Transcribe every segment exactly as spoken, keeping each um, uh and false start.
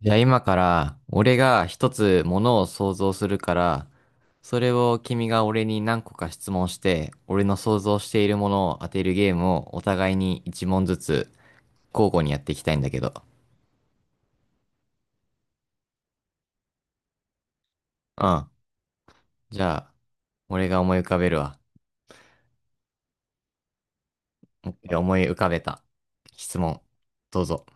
じゃあ今から、俺が一つものを想像するから、それを君が俺に何個か質問して、俺の想像しているものを当てるゲームをお互いに一問ずつ交互にやっていきたいんだけど。うん。じゃあ、俺が思い浮かべるわ。オッケー思い浮かべた。質問。どうぞ。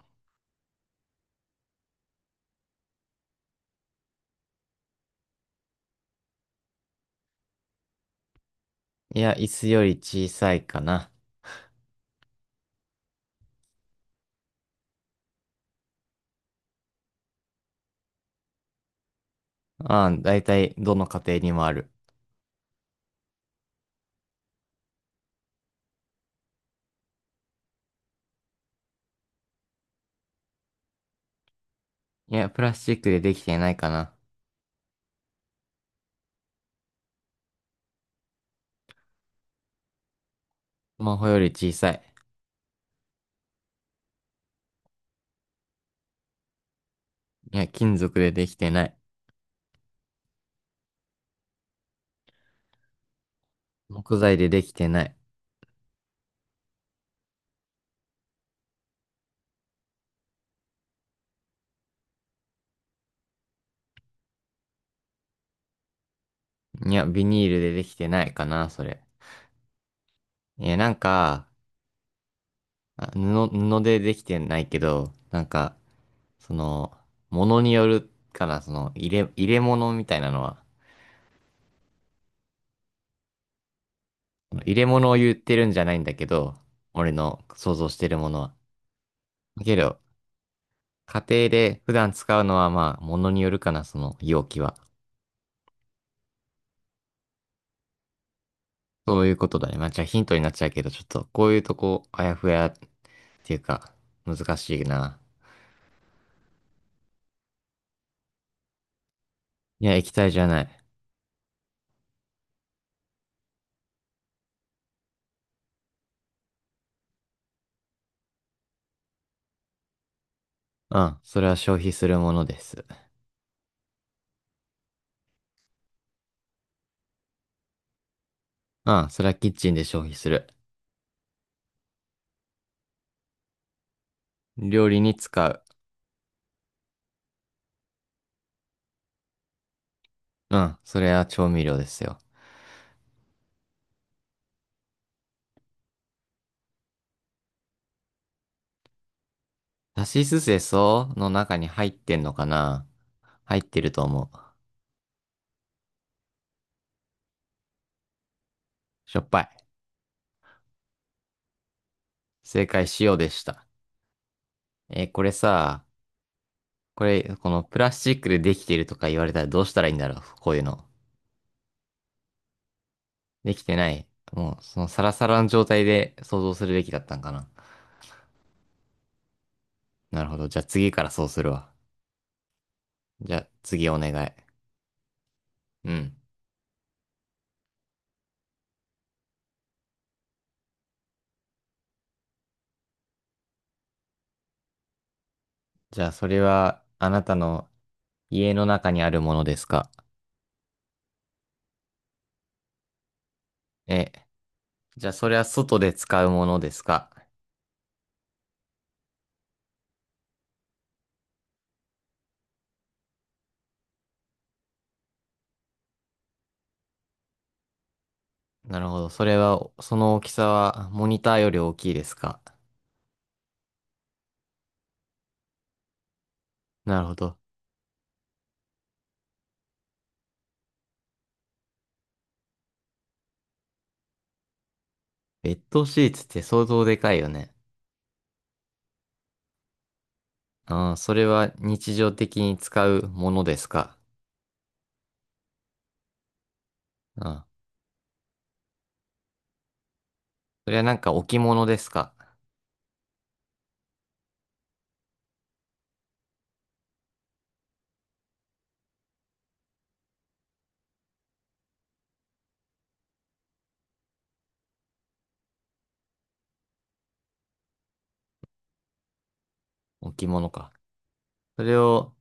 いや、椅子より小さいかな。うん、だいたいどの家庭にもある。いや、プラスチックでできてないかな。スマホより小さい。いや、金属でできてない。木材でできてない。いや、ビニールでできてないかな、それ。いや、なんか、あ布、布でできてないけど、なんか、その、物によるから、その、入れ、入れ物みたいなのは、入れ物を言ってるんじゃないんだけど、俺の想像してるものは。けど、家庭で普段使うのは、まあ、物によるかな、その容器は。そういうことだね。まあ、じゃあヒントになっちゃうけど、ちょっと、こういうとこ、あやふやっていうか、難しいな。いや、液体じゃない。うん、それは消費するものです。うん、それはキッチンで消費する。料理に使う。うん、それは調味料ですよ。さしすせその中に入ってんのかな。入ってると思う。しょっぱい。正解、塩でした。えーこれさ、これ、このプラスチックでできてるとか言われたらどうしたらいいんだろう、こういうの。できてない。もう、そのサラサラの状態で想像するべきだったんかな。なるほど。じゃあ次からそうするわ。じゃあ次お願い。うん。じゃあ、それは、あなたの家の中にあるものですか？え、じゃあ、それは外で使うものですか？なるほど。それは、その大きさは、モニターより大きいですか？なるほど。ベッドシーツって相当でかいよね。ああ、それは日常的に使うものですか？ああ、それはなんか置物ですか？置物か。それを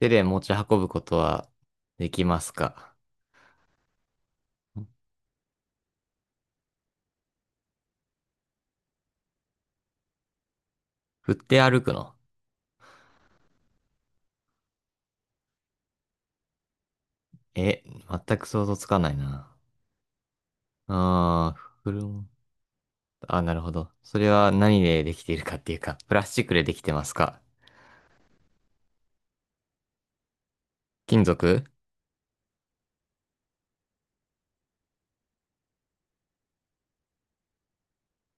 手で持ち運ぶことはできますか？振って歩くの？え、全く想像つかないな。ああ、車。あ、なるほど。それは何でできているかっていうか、プラスチックでできてますか？金属？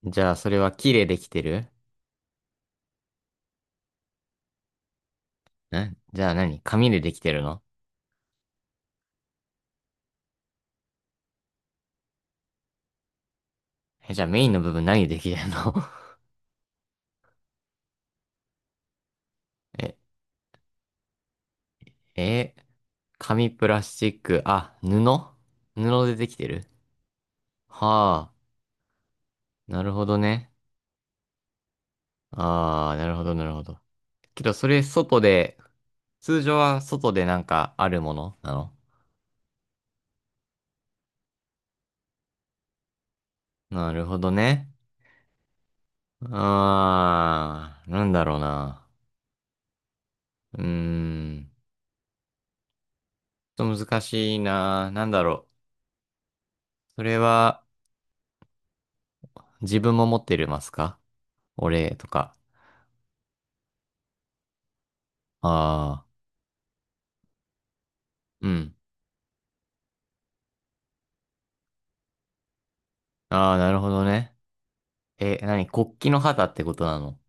じゃあ、それは木でできてる？んじゃあ何？紙でできてるの？え、じゃあメインの部分何でできてるの？ え、え、紙、プラスチック、あ、布。布でできてる？は？あ、なるほどね。ああ、なるほど、なるほど。けど、それ外で、通常は外でなんかあるものなの？なるほどね。あー、なんだろうな。うーん。ちょっと難しいな。なんだろう。それは、自分も持ってるますか？お礼とか。あー、うん。ああ、なるほどね。え、なに、国旗の旗ってことなの？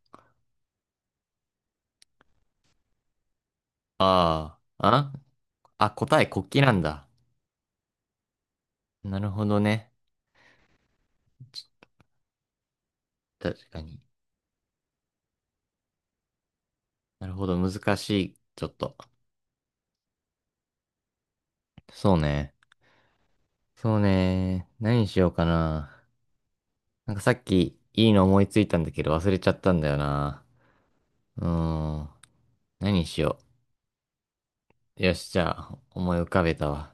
あー、ああ、答え国旗なんだ。なるほどね。ち確かに。なるほど、難しい。ちょっと。そうね。そうね。何にしようかな。なんかさっき、いいの思いついたんだけど忘れちゃったんだよな。うーん。何しよう。よし、じゃあ、思い浮かべたわ。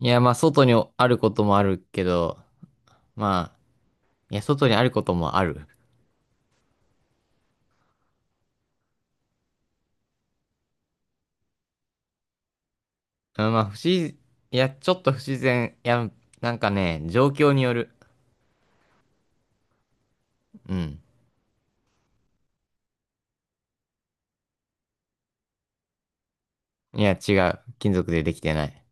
いや、まあ、外にあることもあるけど、まあ、いや、外にあることもある。うんまあ、不自、いや、ちょっと不自然。いや、なんかね、状況による。うん。いや、違う。金属でできてない。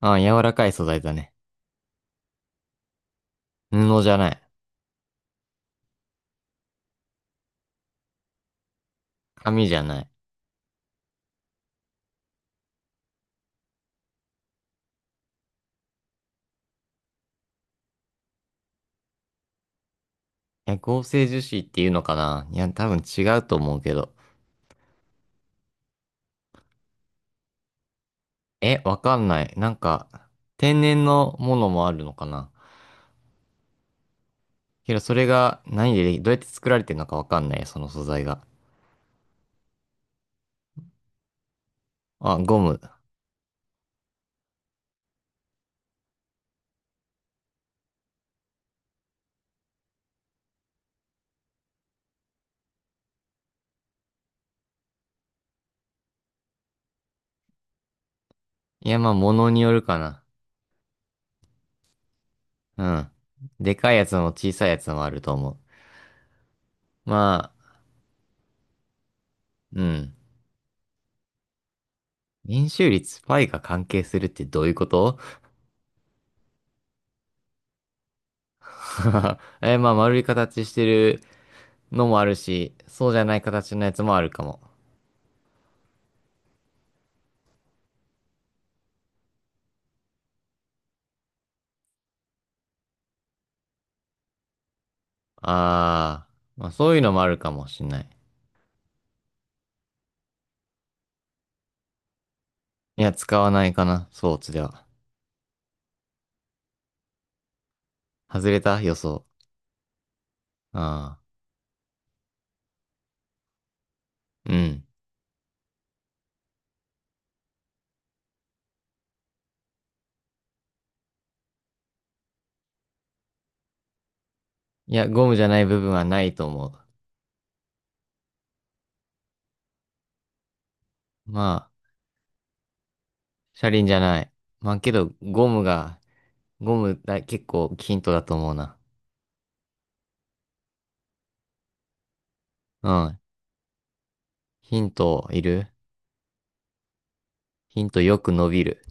ああ、柔らかい素材だね。布じゃない。紙じゃない。いや、合成樹脂っていうのかな。いや、多分違うと思うけど。え、わかんない。なんか、天然のものもあるのかな？けどそれが何ででどうやって作られてるのかわかんない、その素材が。あ、ゴム。いや、まあ、ものによるかな。うん。でかいやつも小さいやつもあると思う。まあ、うん。円周率 パイ が関係するってどういうこと？ え、まあ、丸い形してるのもあるし、そうじゃない形のやつもあるかも。あー、まあ、そういうのもあるかもしんない。いや、使わないかな、スポーツでは。外れた予想。ああ、うん。いや、ゴムじゃない部分はないと思う。まあ、車輪じゃない。まあけど、ゴムが、ゴムだ、結構ヒントだと思うな。うん。ヒントいる？ヒントよく伸びる。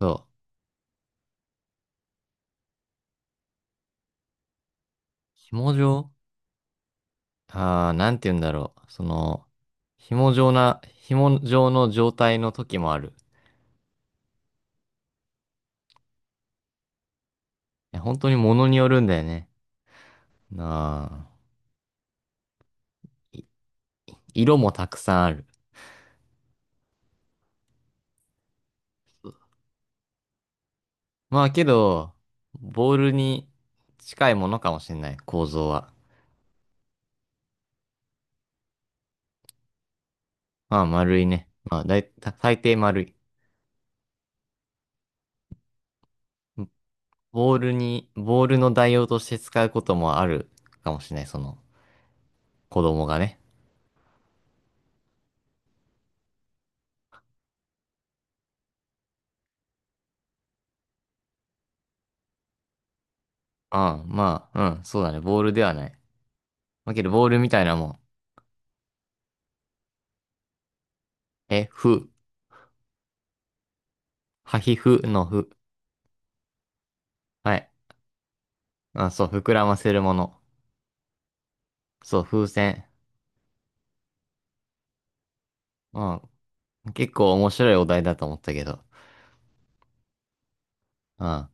そう。紐状？ああー、なんて言うんだろう。その、紐状な、紐状の状態の時もある。いや本当に物によるんだよね。なあ。色もたくさんある。まあけど、ボールに、近いものかもしれない、構造は。まあ丸いね。まあ、だい、最大抵丸い。ボールに、ボールの代用として使うこともあるかもしれない、その、子供がね。ああ、まあ、うん、そうだね、ボールではない。だけど、ボールみたいなもん。え、ふ、はひふのふ。はい。あ、そう、膨らませるもの。そう、風船。うん、結構面白いお題だと思ったけど。うん。